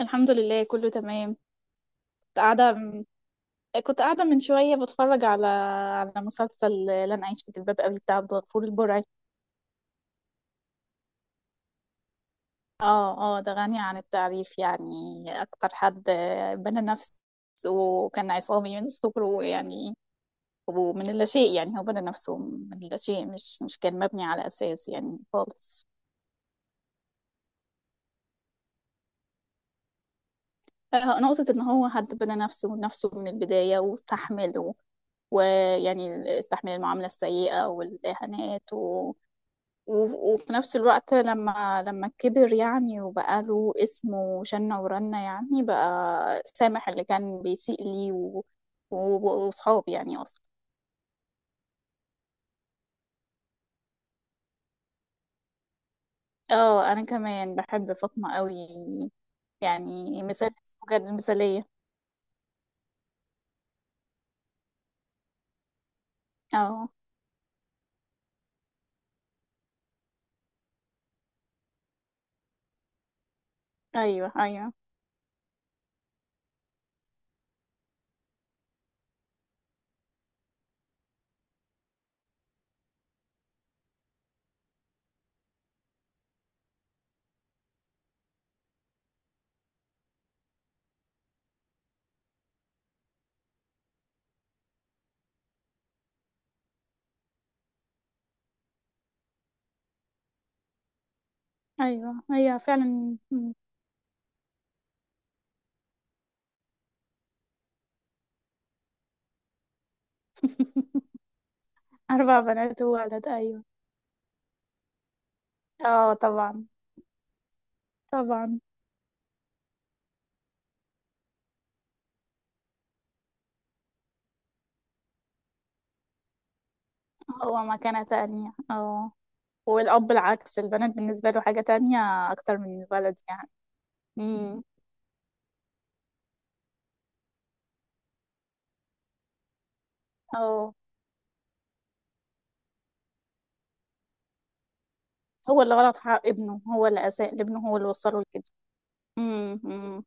الحمد لله، كله تمام. كنت قاعدة كنت قاعدة من شوية بتفرج على مسلسل لن أعيش في جلباب أبي بتاع عبد الغفور البرعي. اه، اه، ده غني عن التعريف يعني. أكتر حد بنى نفسه، وكان عصامي من صغره يعني، ومن اللاشيء يعني، هو بنى نفسه من اللاشيء، مش كان مبني على أساس يعني خالص. نقطة إن هو حد بنى نفسه من البداية واستحمل، ويعني استحمل المعاملة السيئة والإهانات، وفي نفس الوقت لما كبر يعني، وبقى له اسم وشنة ورنة يعني، بقى سامح اللي كان بيسيء لي، وصحاب يعني اصلا. اه، انا كمان بحب فاطمة قوي. يعني مثال بجد مثالية. اه، ايوه، ايوه، ايوه هي فعلا. اربع بنات وولد، ايوه. اه، طبعا. طبعا، هو مكانة تانية، اه. والأب العكس، البنات بالنسبة له حاجة تانية، أكتر من الولد يعني. امم. اه، هو اللي غلط في حق ابنه، هو اللي أساء لابنه، هو اللي وصله لكده. امم، امم.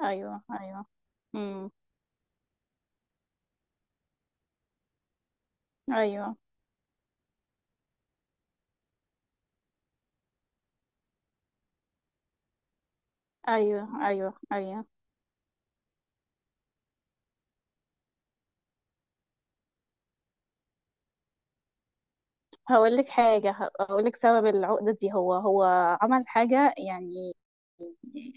أيوه، أيوه. امم. أيوه، أيوه، أيوه، أيوه. هقول لك حاجة. هقول لك سبب العقدة دي هو، عمل حاجة يعني. يعني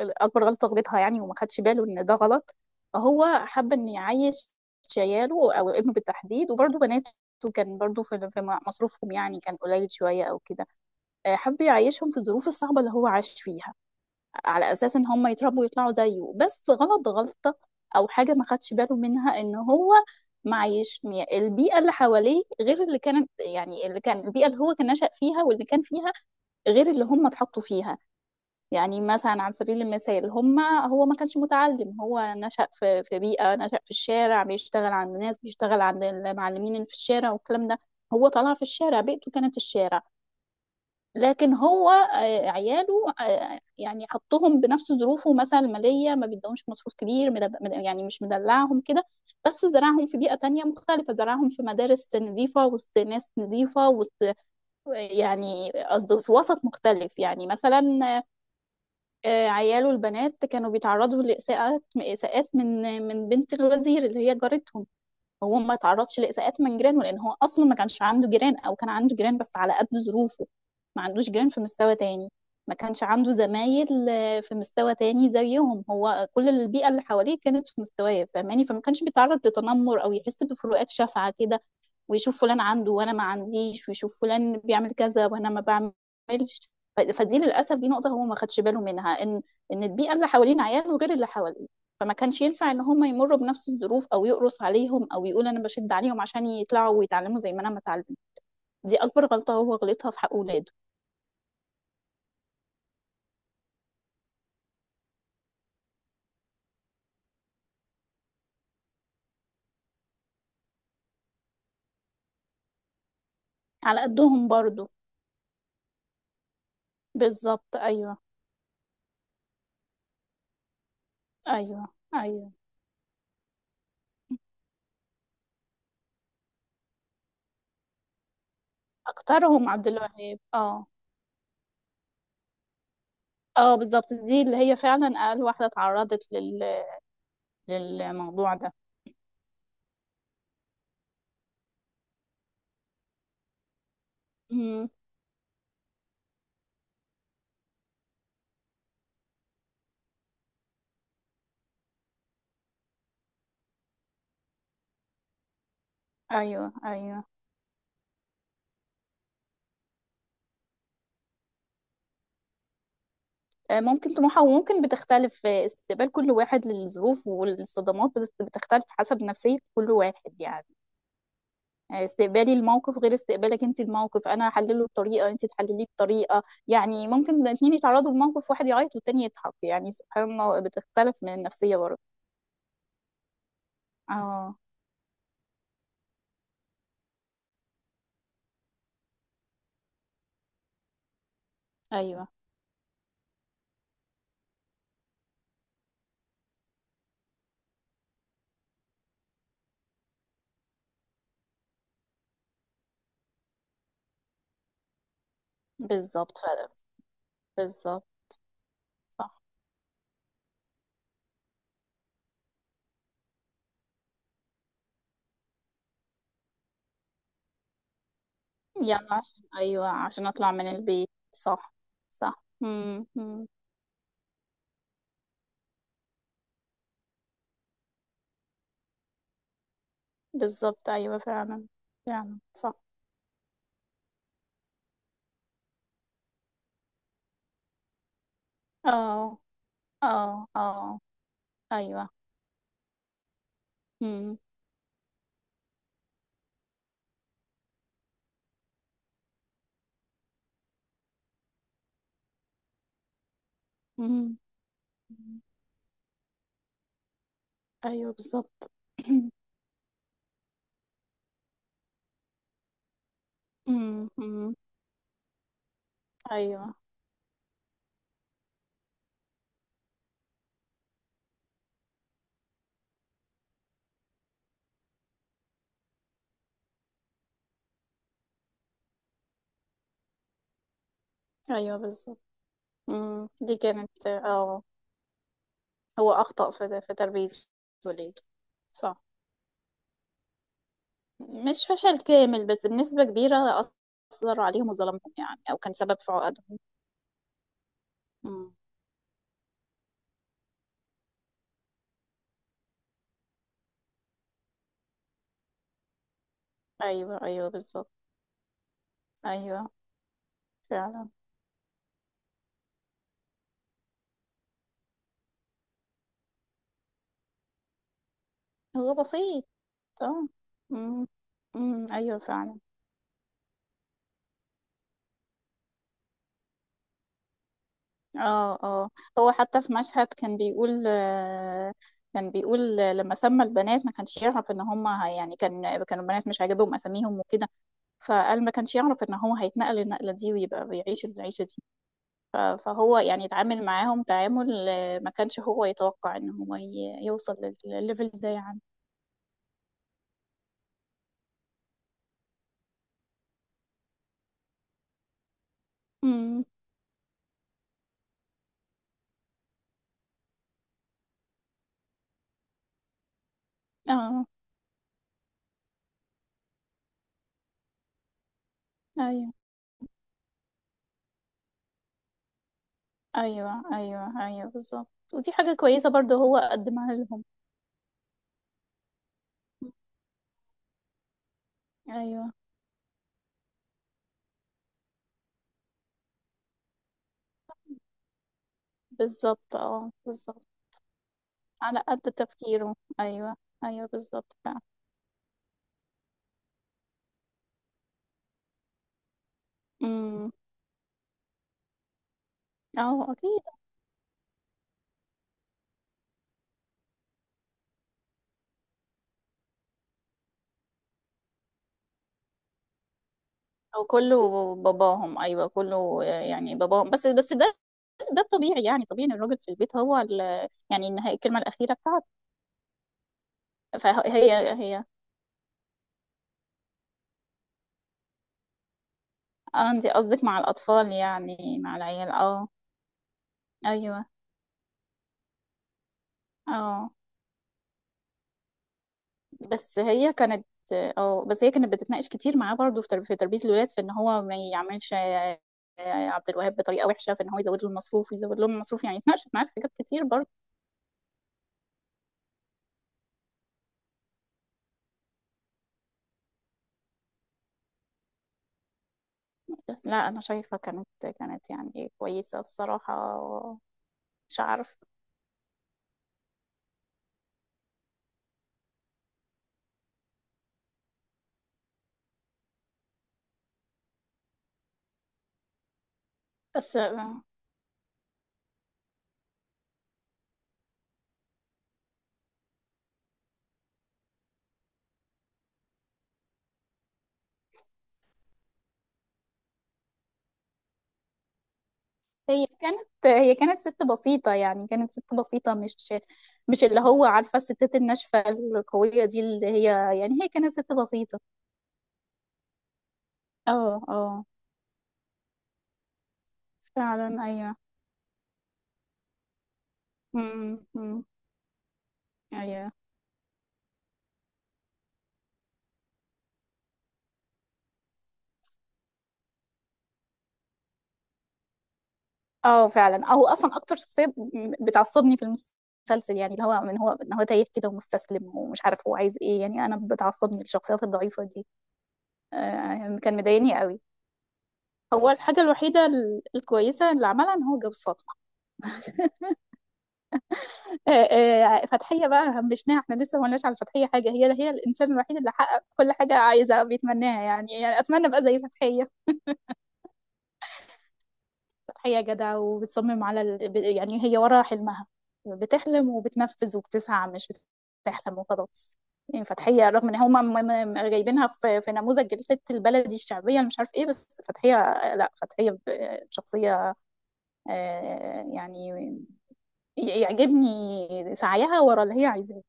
أكبر غلطة غلطها يعني، وما خدش باله إن ده غلط. هو حب إن يعيش عياله، أو ابنه بالتحديد، وبرضه بناته. كان برضه في مصروفهم يعني كان قليل شوية أو كده. حب يعيشهم في الظروف الصعبة اللي هو عاش فيها، على اساس ان هم يتربوا يطلعوا زيه، بس غلط غلطة، او حاجة ما خدش باله منها، ان هو معيش البيئة اللي حواليه غير اللي كانت، يعني اللي كان البيئة اللي هو كان نشأ فيها واللي كان فيها غير اللي هم اتحطوا فيها. يعني مثلا، على سبيل المثال، هو ما كانش متعلم، هو نشأ في بيئة، نشأ في الشارع، بيشتغل عند ناس، بيشتغل عند المعلمين اللي في الشارع والكلام ده. هو طلع في الشارع، بيئته كانت الشارع. لكن هو عياله يعني حطهم بنفس ظروفه، مثلا المالية، ما بيدهمش مصروف كبير، يعني مش مدلعهم كده. بس زرعهم في بيئة تانية مختلفة، زرعهم في مدارس نظيفة، وسط ناس نظيفة، وسط، يعني قصدي في وسط مختلف يعني مثلا. عياله البنات كانوا بيتعرضوا لإساءات، إساءات من بنت الوزير اللي هي جارتهم. هو ما تعرضش لإساءات من جيرانه، لأن هو أصلا ما كانش عنده جيران، أو كان عنده جيران بس على قد ظروفه، ما عندوش جيران في مستوى تاني. ما كانش عنده زمايل في مستوى تاني زيهم، هو كل البيئة اللي حواليه كانت في مستواه، فاهماني؟ فما كانش بيتعرض لتنمر، أو يحس بفروقات شاسعة كده، ويشوف فلان عنده وانا ما عنديش، ويشوف فلان بيعمل كذا وانا ما بعملش. فدي للاسف، دي نقطه هو ما خدش باله منها، ان البيئه اللي حوالين عياله غير اللي حواليه. فما كانش ينفع ان هم يمروا بنفس الظروف، او يقرص عليهم، او يقول انا بشد عليهم عشان يطلعوا ويتعلموا زي ما انا ما اتعلمت. دي اكبر غلطه هو غلطها في حق اولاده. على قدهم برضو. بالظبط، ايوه. ايوه، ايوه، اكترهم عبد الوهاب، اه. اه، بالظبط، دي اللي هي فعلا اقل واحده اتعرضت للموضوع ده. ايوه، ايوه. ممكن طموحها، وممكن بتختلف، استقبال كل واحد للظروف والصدمات بتختلف حسب نفسية كل واحد يعني. استقبالي الموقف غير استقبالك انت الموقف، انا احلله بطريقة، انت تحلليه بطريقة. يعني ممكن الاتنين يتعرضوا لموقف، واحد يعيط والتاني يضحك، يعني سبحان الله، بتختلف من النفسية برضه. اه. ايوه بالظبط، بالظبط. صح. يعني عشان، ايوه، عشان اطلع من البيت، صح. صح، امم. بالظبط، ايوه فعلا. فعلا، صح. اه، اه، اه. ايوه. امم، امم. ايوه، بالظبط. امم، امم. ايوه، ايوه، بالظبط. دي كانت اه هو اخطأ في تربية وليد. صح. مش فشل كامل، بس بنسبة كبيرة أثر عليهم وظلمهم يعني، أو كان سبب في عقدهم. امم. أيوه، أيوه، بالظبط. أيوه فعلا. هو بسيط، اه. امم، امم. أيوه فعلا. اه، اه، هو حتى في مشهد كان بيقول، كان بيقول، لما سمى البنات ما كانش يعرف، ان هم يعني كانوا البنات مش عاجبهم اساميهم وكده. فقال ما كانش يعرف ان هو هيتنقل النقلة دي، ويبقى بيعيش العيشة دي. فهو يعني اتعامل معاهم تعامل، ما كانش هو يتوقع ان هو يوصل للليفل ده يعني. امم. اه، ايوه، ايوه، ايوه، ايوه بالظبط، ودي حاجة كويسة برضه هو قدمها لهم. ايوه، بالظبط، اه بالظبط. على قد تفكيره، ايوه. ايوه بالظبط فعلا. امم، اه اكيد. او كله باباهم، ايوه كله يعني باباهم، بس ده الطبيعي يعني، طبيعي ان الراجل في البيت هو يعني النهاية الكلمه الاخيره بتاعته. فهي هي اه، انت قصدك مع الاطفال يعني مع العيال، اه. ايوه. اه بس هي كانت اه، بس هي كانت بتتناقش كتير معاه برضه في في تربيه الولاد، في ان هو ما يعملش عبد الوهاب بطريقه وحشه، في ان هو يزود له المصروف، ويزود لهم المصروف يعني، اتناقشت معاه في حاجات كتير برضه. لا أنا شايفة كانت يعني كويسة الصراحة، مش عارف. بس هي كانت ست بسيطة، يعني كانت ست بسيطة، مش اللي هو عارفة الستات الناشفة القوية دي اللي هي، يعني هي كانت ست بسيطة. اه، اه، فعلا. ايوه. امم، أمم. ايوه، اه فعلا، او اصلا اكتر شخصية بتعصبني في المسلسل، يعني اللي هو من هو، ان هو تايه كده ومستسلم، ومش عارف هو عايز ايه يعني، انا بتعصبني الشخصيات الضعيفة دي. آه، كان مضايقني قوي. هو الحاجة الوحيدة الكويسة اللي عملها ان هو جوز فاطمة. فتحية بقى همشناها، احنا لسه ما قلناش على فتحية حاجة. هي الانسان الوحيد اللي حقق كل حاجة عايزها بيتمناها يعني، يعني اتمنى ابقى زي فتحية. فتحية جدع، وبتصمم على يعني هي ورا حلمها، بتحلم وبتنفذ وبتسعى، مش بتحلم وخلاص. يعني فتحية رغم ان هم جايبينها في نموذج جلسة البلدي الشعبية اللي مش عارف ايه، بس فتحية لا، فتحية شخصية، يعني يعجبني سعيها ورا اللي هي عايزاه.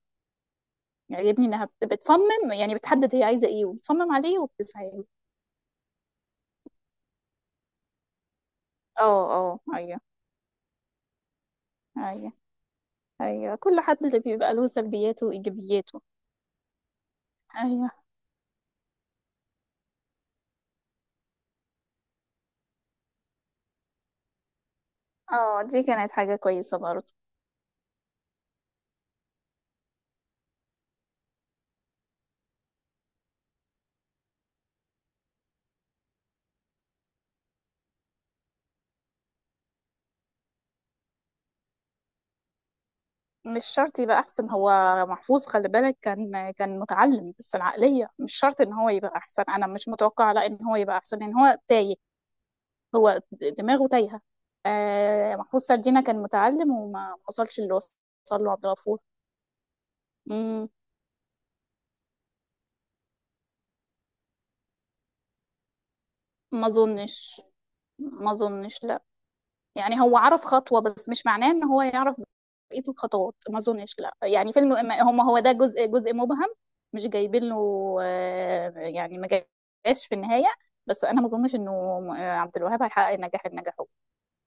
يعجبني انها بتصمم، يعني بتحدد هي عايزه ايه، وبتصمم عليه، وبتسعى له. اه، اه، ايوه، ايوه، ايوه، كل حد اللي بيبقى له سلبياته وايجابياته. ايوه. اه، دي كانت حاجه كويسه برضه. مش شرط يبقى احسن، هو محفوظ خلي بالك كان متعلم، بس العقليه مش شرط ان هو يبقى احسن، انا مش متوقعه لا ان هو يبقى احسن، ان هو تايه. هو دماغه تايهه. آه، محفوظ سردينة كان متعلم وما وصلش اللي وصل له عبد الغفور. مم. ما اظنش، ما اظنش، لا. يعني هو عرف خطوة، بس مش معناه ان هو يعرف بقية الخطوات، ما اظنش، لا يعني فيلم. هو ده جزء مبهم، مش جايبين له، يعني ما جاش في النهاية. بس انا ما اظنش انه عبد الوهاب هيحقق النجاح اللي نجحه.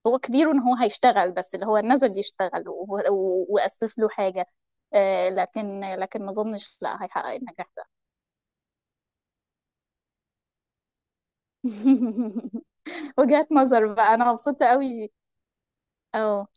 هو كبير ان هو هيشتغل، بس اللي هو نزل يشتغل واسس له حاجة، لكن ما اظنش لا هيحقق النجاح ده. وجهات نظر بقى، انا مبسوطة قوي. اه.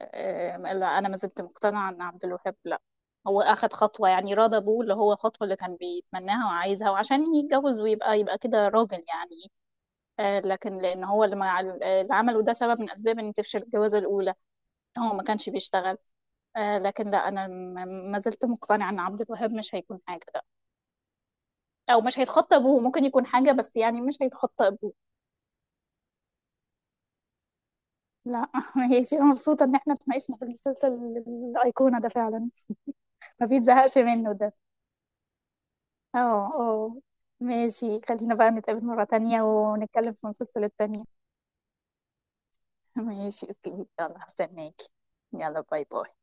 لا انا ما زلت مقتنعه ان عبد الوهاب لا، هو اخد خطوه يعني راضى بيه، اللي هو خطوه اللي كان بيتمناها وعايزها، وعشان يتجوز ويبقى يبقى كده راجل يعني. لكن لان هو اللي ما اللي عمله ده سبب من اسباب ان تفشل الجوازه الاولى، هو ما كانش بيشتغل. لكن لا، انا ما زلت مقتنعه ان عبد الوهاب مش هيكون حاجه ده. او مش هيتخطى ابوه، ممكن يكون حاجه، بس يعني مش هيتخطى ابوه. لا هي شيء مبسوطه ان احنا اتناقشنا في المسلسل الايقونه ده، فعلا ما بيتزهقش منه ده. اه، اه. ماشي، خلينا بقى نتقابل مرة تانية ونتكلم في سلسلة تانية. ماشي، اوكي. يلا هستناكي. يلا، باي باي.